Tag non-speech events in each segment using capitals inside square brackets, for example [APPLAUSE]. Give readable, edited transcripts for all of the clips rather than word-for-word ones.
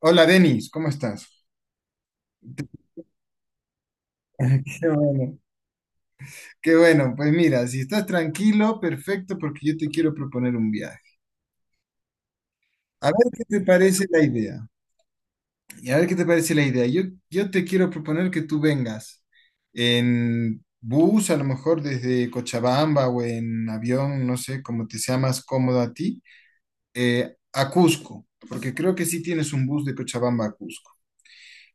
Hola Denis, ¿cómo estás? Qué bueno, qué bueno. Pues mira, si estás tranquilo, perfecto, porque yo te quiero proponer un viaje. A ver qué te parece la idea. Y a ver qué te parece la idea. Yo te quiero proponer que tú vengas en bus, a lo mejor desde Cochabamba o en avión, no sé, como te sea más cómodo a ti, a Cusco, porque creo que sí tienes un bus de Cochabamba a Cusco.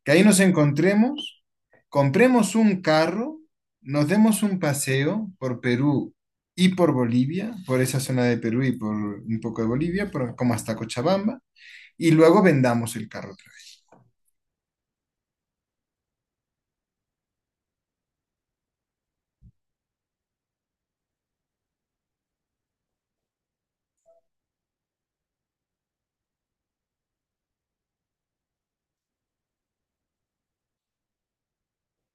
Que ahí nos encontremos, compremos un carro, nos demos un paseo por Perú y por Bolivia, por esa zona de Perú y por un poco de Bolivia, como hasta Cochabamba, y luego vendamos el carro otra vez.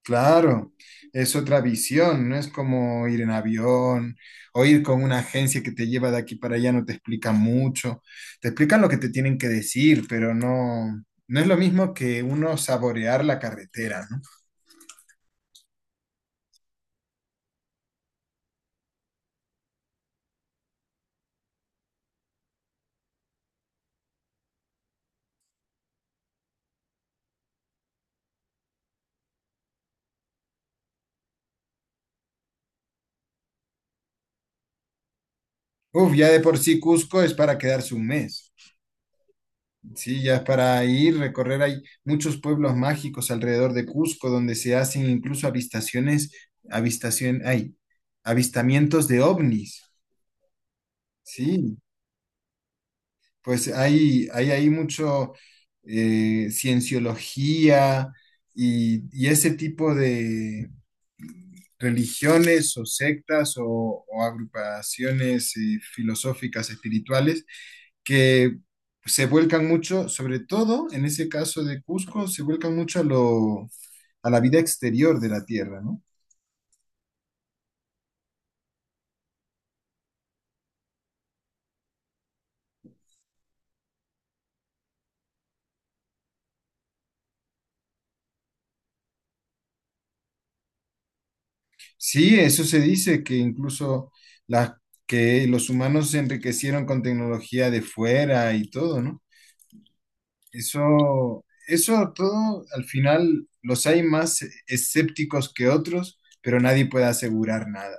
Claro, es otra visión, no es como ir en avión o ir con una agencia que te lleva de aquí para allá, no te explica mucho, te explican lo que te tienen que decir, pero no, no es lo mismo que uno saborear la carretera, ¿no? Uf, ya de por sí Cusco es para quedarse un mes. Sí, ya es para ir, recorrer. Hay muchos pueblos mágicos alrededor de Cusco donde se hacen incluso avistaciones, avistación, hay avistamientos de ovnis. Sí, pues hay mucho cienciología y ese tipo de religiones o sectas o agrupaciones filosóficas espirituales que se vuelcan mucho, sobre todo en ese caso de Cusco, se vuelcan mucho a lo, a la vida exterior de la Tierra, ¿no? Sí, eso se dice que incluso la, que los humanos se enriquecieron con tecnología de fuera y todo, ¿no? Eso todo, al final, los hay más escépticos que otros, pero nadie puede asegurar nada.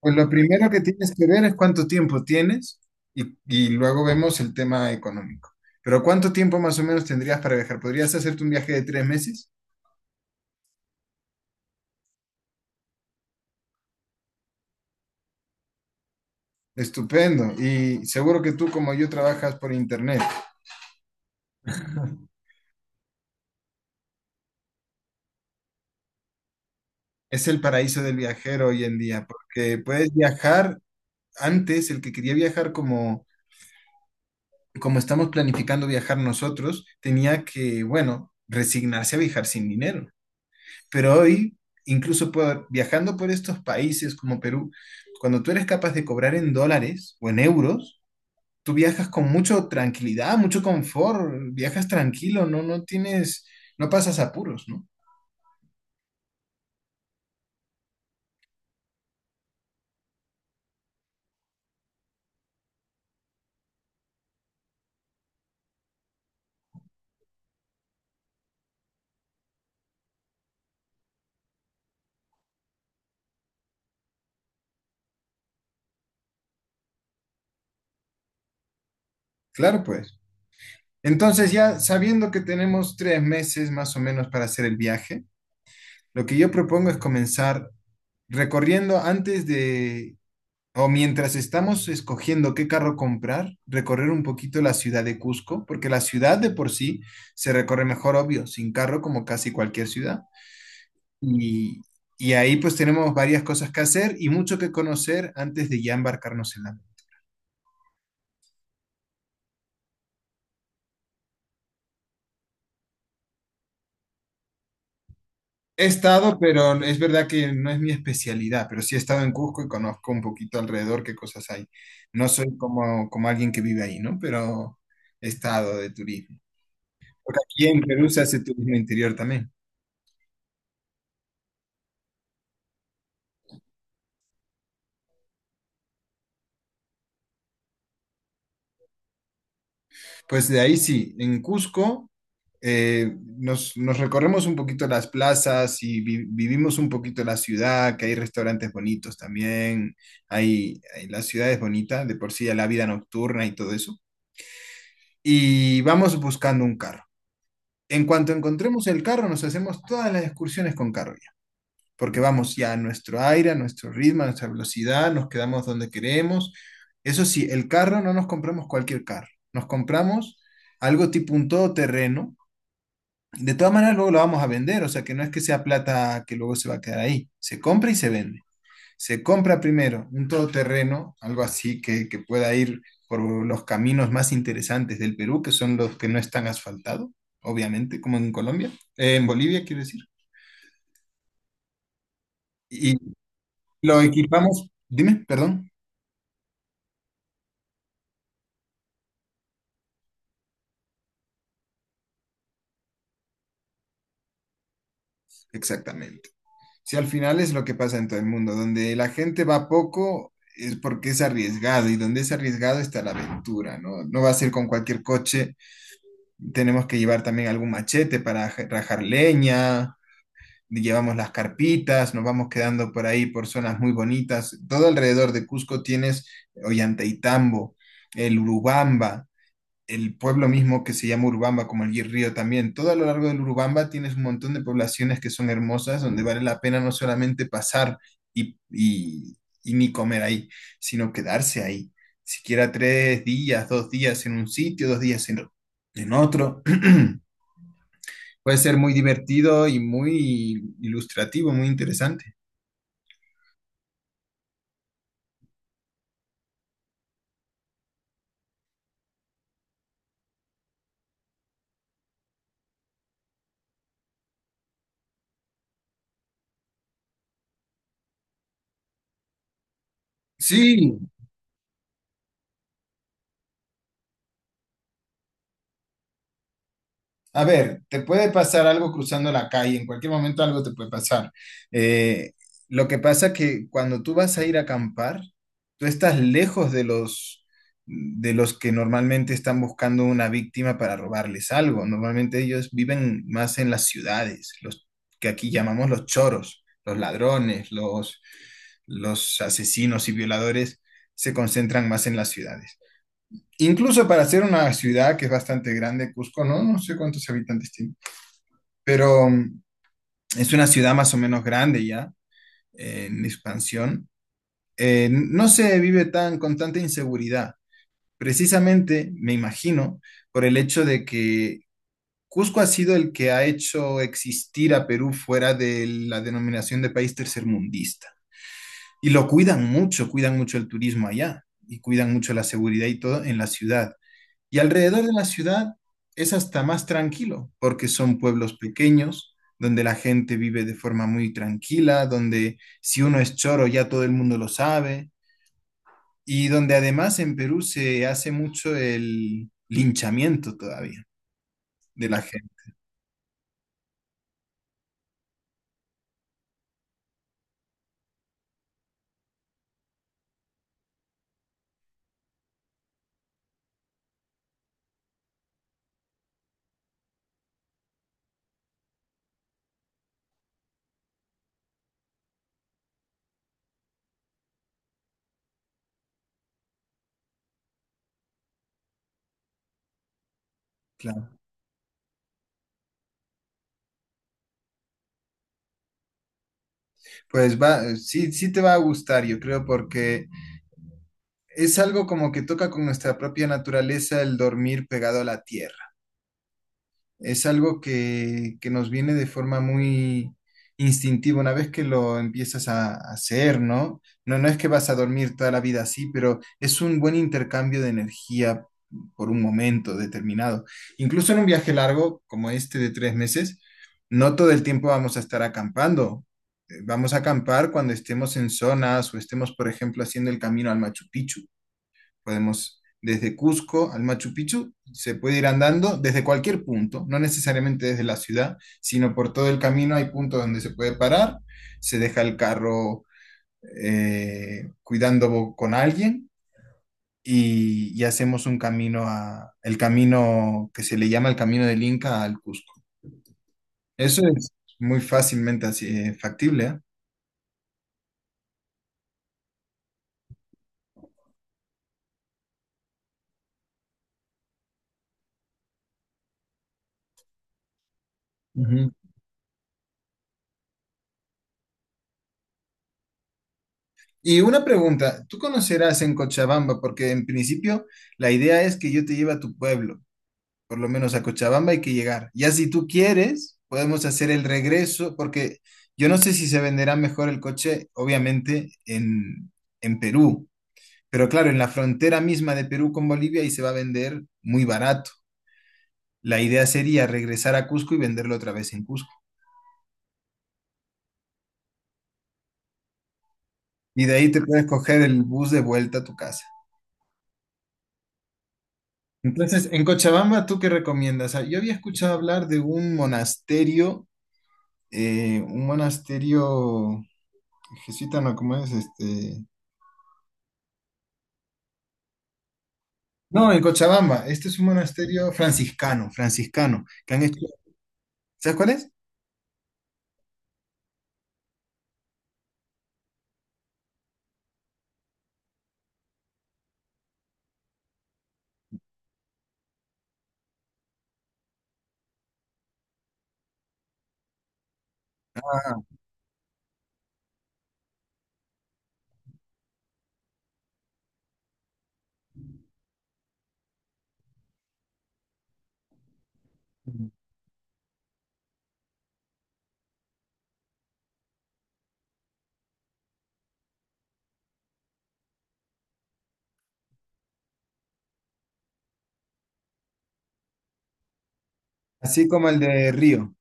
Pues lo primero que tienes que ver es cuánto tiempo tienes y luego vemos el tema económico. Pero ¿cuánto tiempo más o menos tendrías para viajar? ¿Podrías hacerte un viaje de 3 meses? Estupendo. Y seguro que tú, como yo, trabajas por internet. [LAUGHS] Es el paraíso del viajero hoy en día, porque puedes viajar. Antes, el que quería viajar como, como estamos planificando viajar nosotros, tenía que, bueno, resignarse a viajar sin dinero. Pero hoy, incluso viajando por estos países como Perú, cuando tú eres capaz de cobrar en dólares o en euros, tú viajas con mucha tranquilidad, mucho confort, viajas tranquilo, no, no tienes, no pasas apuros, ¿no? Claro, pues. Entonces, ya sabiendo que tenemos tres meses más o menos para hacer el viaje, lo que yo propongo es comenzar recorriendo antes de o mientras estamos escogiendo qué carro comprar, recorrer un poquito la ciudad de Cusco, porque la ciudad de por sí se recorre mejor, obvio, sin carro como casi cualquier ciudad. Y, y ahí pues tenemos varias cosas que hacer y mucho que conocer antes de ya embarcarnos en la meta. He estado, pero es verdad que no es mi especialidad, pero sí he estado en Cusco y conozco un poquito alrededor qué cosas hay. No soy como, como alguien que vive ahí, ¿no? Pero he estado de turismo. Porque aquí en Perú se hace turismo interior también. Pues de ahí sí, en Cusco nos recorremos un poquito las plazas y vivimos un poquito la ciudad, que hay restaurantes bonitos también, la ciudad es bonita, de por sí ya la vida nocturna y todo eso. Y vamos buscando un carro. En cuanto encontremos el carro, nos hacemos todas las excursiones con carro porque vamos ya a nuestro aire, a nuestro ritmo, a nuestra velocidad, nos quedamos donde queremos. Eso sí, el carro no nos compramos cualquier carro, nos compramos algo tipo un todoterreno. De todas maneras, luego lo vamos a vender, o sea que no es que sea plata que luego se va a quedar ahí, se compra y se vende. Se compra primero un todoterreno, algo así que pueda ir por los caminos más interesantes del Perú, que son los que no están asfaltados, obviamente, como en Colombia, en Bolivia, quiero decir. Y lo equipamos, dime, perdón. Exactamente. Si al final es lo que pasa en todo el mundo, donde la gente va poco es porque es arriesgado y donde es arriesgado está la aventura, ¿no? No va a ser con cualquier coche, tenemos que llevar también algún machete para rajar leña, llevamos las carpitas, nos vamos quedando por ahí por zonas muy bonitas. Todo alrededor de Cusco tienes Ollantaytambo, el Urubamba, el pueblo mismo que se llama Urubamba, como el río también. Todo a lo largo del Urubamba tienes un montón de poblaciones que son hermosas, donde vale la pena no solamente pasar y, y, y ni comer ahí, sino quedarse ahí. Siquiera tres días, dos días en un sitio, dos días en otro. [CLEARS THROAT] Puede ser muy divertido y muy ilustrativo, muy interesante. Sí, a ver, te puede pasar algo cruzando la calle, en cualquier momento algo te puede pasar. Eh, lo que pasa que cuando tú vas a ir a acampar, tú estás lejos de los que normalmente están buscando una víctima para robarles algo. Normalmente ellos viven más en las ciudades, los que aquí llamamos los choros, los ladrones, los asesinos y violadores se concentran más en las ciudades. Incluso para ser una ciudad que es bastante grande, Cusco, ¿no? No sé cuántos habitantes tiene, pero es una ciudad más o menos grande ya, en expansión. No se vive tan con tanta inseguridad, precisamente, me imagino, por el hecho de que Cusco ha sido el que ha hecho existir a Perú fuera de la denominación de país tercermundista. Y lo cuidan mucho el turismo allá y cuidan mucho la seguridad y todo en la ciudad. Y alrededor de la ciudad es hasta más tranquilo, porque son pueblos pequeños, donde la gente vive de forma muy tranquila, donde si uno es choro ya todo el mundo lo sabe, y donde además en Perú se hace mucho el linchamiento todavía de la gente. Claro. Pues va, sí, sí te va a gustar, yo creo, porque es algo como que toca con nuestra propia naturaleza el dormir pegado a la tierra. Es algo que nos viene de forma muy instintiva una vez que lo empiezas a hacer, ¿no? No, no es que vas a dormir toda la vida así, pero es un buen intercambio de energía por un momento determinado. Incluso en un viaje largo como este de 3 meses, no todo el tiempo vamos a estar acampando. Vamos a acampar cuando estemos en zonas o estemos, por ejemplo, haciendo el camino al Machu Picchu. Podemos desde Cusco al Machu Picchu, se puede ir andando desde cualquier punto, no necesariamente desde la ciudad, sino por todo el camino hay puntos donde se puede parar, se deja el carro cuidando con alguien y hacemos un camino a, el camino que se le llama el camino del Inca al Cusco. Eso es muy fácilmente así, factible, ¿eh? Ujú. Y una pregunta, ¿tú conocerás en Cochabamba? Porque en principio la idea es que yo te lleve a tu pueblo. Por lo menos a Cochabamba hay que llegar. Ya si tú quieres, podemos hacer el regreso, porque yo no sé si se venderá mejor el coche, obviamente, en Perú, pero claro, en la frontera misma de Perú con Bolivia y se va a vender muy barato. La idea sería regresar a Cusco y venderlo otra vez en Cusco. Y de ahí te puedes coger el bus de vuelta a tu casa. Entonces, en Cochabamba, ¿tú qué recomiendas? Ah, yo había escuchado hablar de un monasterio jesuita, ¿no? ¿Cómo es? Este, no, en Cochabamba. Este es un monasterio franciscano, que han hecho. ¿Sabes cuál es? Así como el de Río.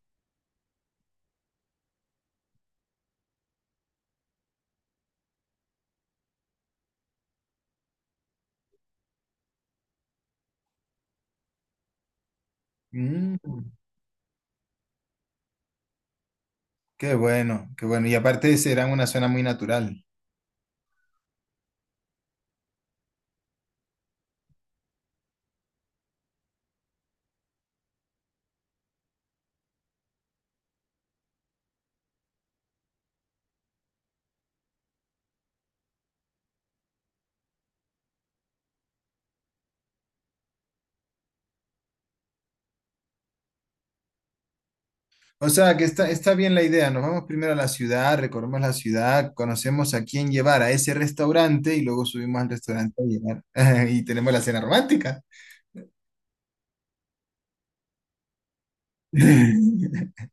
Mm, qué bueno, qué bueno. Y aparte será una zona muy natural. O sea, que está, está bien la idea. Nos vamos primero a la ciudad, recorremos la ciudad, conocemos a quién llevar a ese restaurante y luego subimos al restaurante a llevar. [LAUGHS] Y tenemos la cena romántica. [LAUGHS]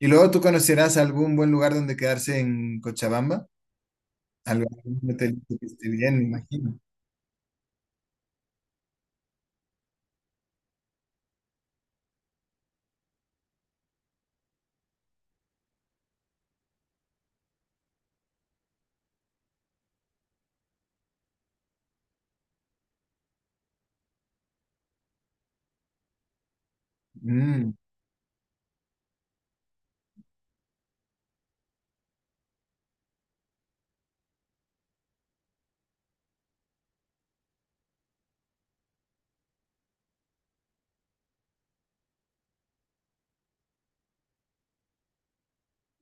Y luego tú conocerás algún buen lugar donde quedarse en Cochabamba. Algún hotel que esté bien, me imagino. Mm.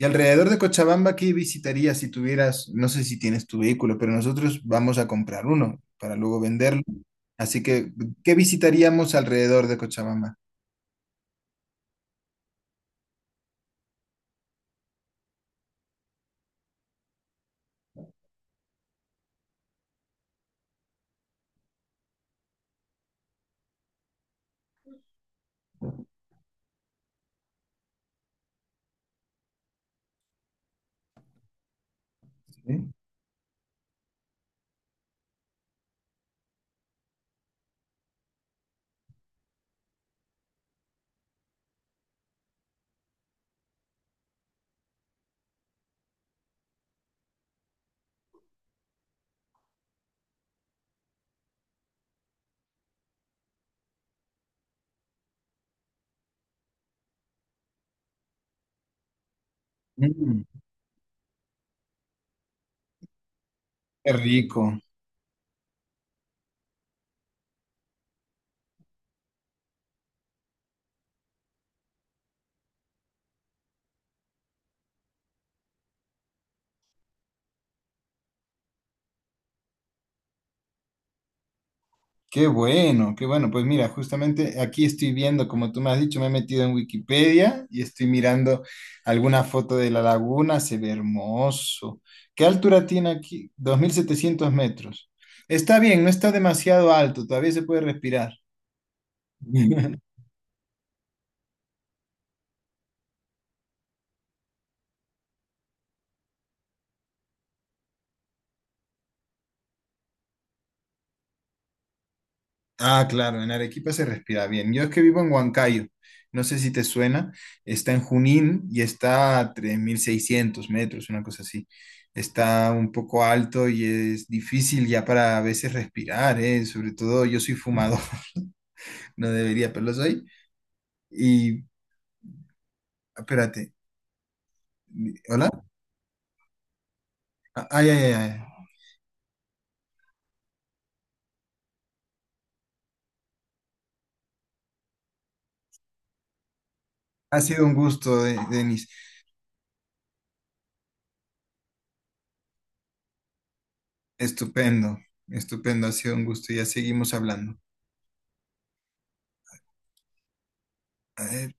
Y alrededor de Cochabamba, ¿qué visitarías si tuvieras, no sé si tienes tu vehículo, pero nosotros vamos a comprar uno para luego venderlo. Así que, ¿qué visitaríamos alrededor de Cochabamba? ¿Sí? Mm, qué rico, qué bueno, qué bueno. Pues mira, justamente aquí estoy viendo, como tú me has dicho, me he metido en Wikipedia y estoy mirando alguna foto de la laguna, se ve hermoso. ¿Qué altura tiene aquí? 2700 metros. Está bien, no está demasiado alto, todavía se puede respirar. [LAUGHS] Ah, claro, en Arequipa se respira bien. Yo es que vivo en Huancayo, no sé si te suena, está en Junín y está a 3600 metros, una cosa así. Está un poco alto y es difícil ya para a veces respirar, ¿eh? Sobre todo yo soy fumador, [LAUGHS] no debería, pero lo soy. Y espérate, ¿hola? Ah, ay, ay, ay. Ha sido un gusto, De- Denis. Estupendo, estupendo, ha sido un gusto. Ya seguimos hablando. A ver.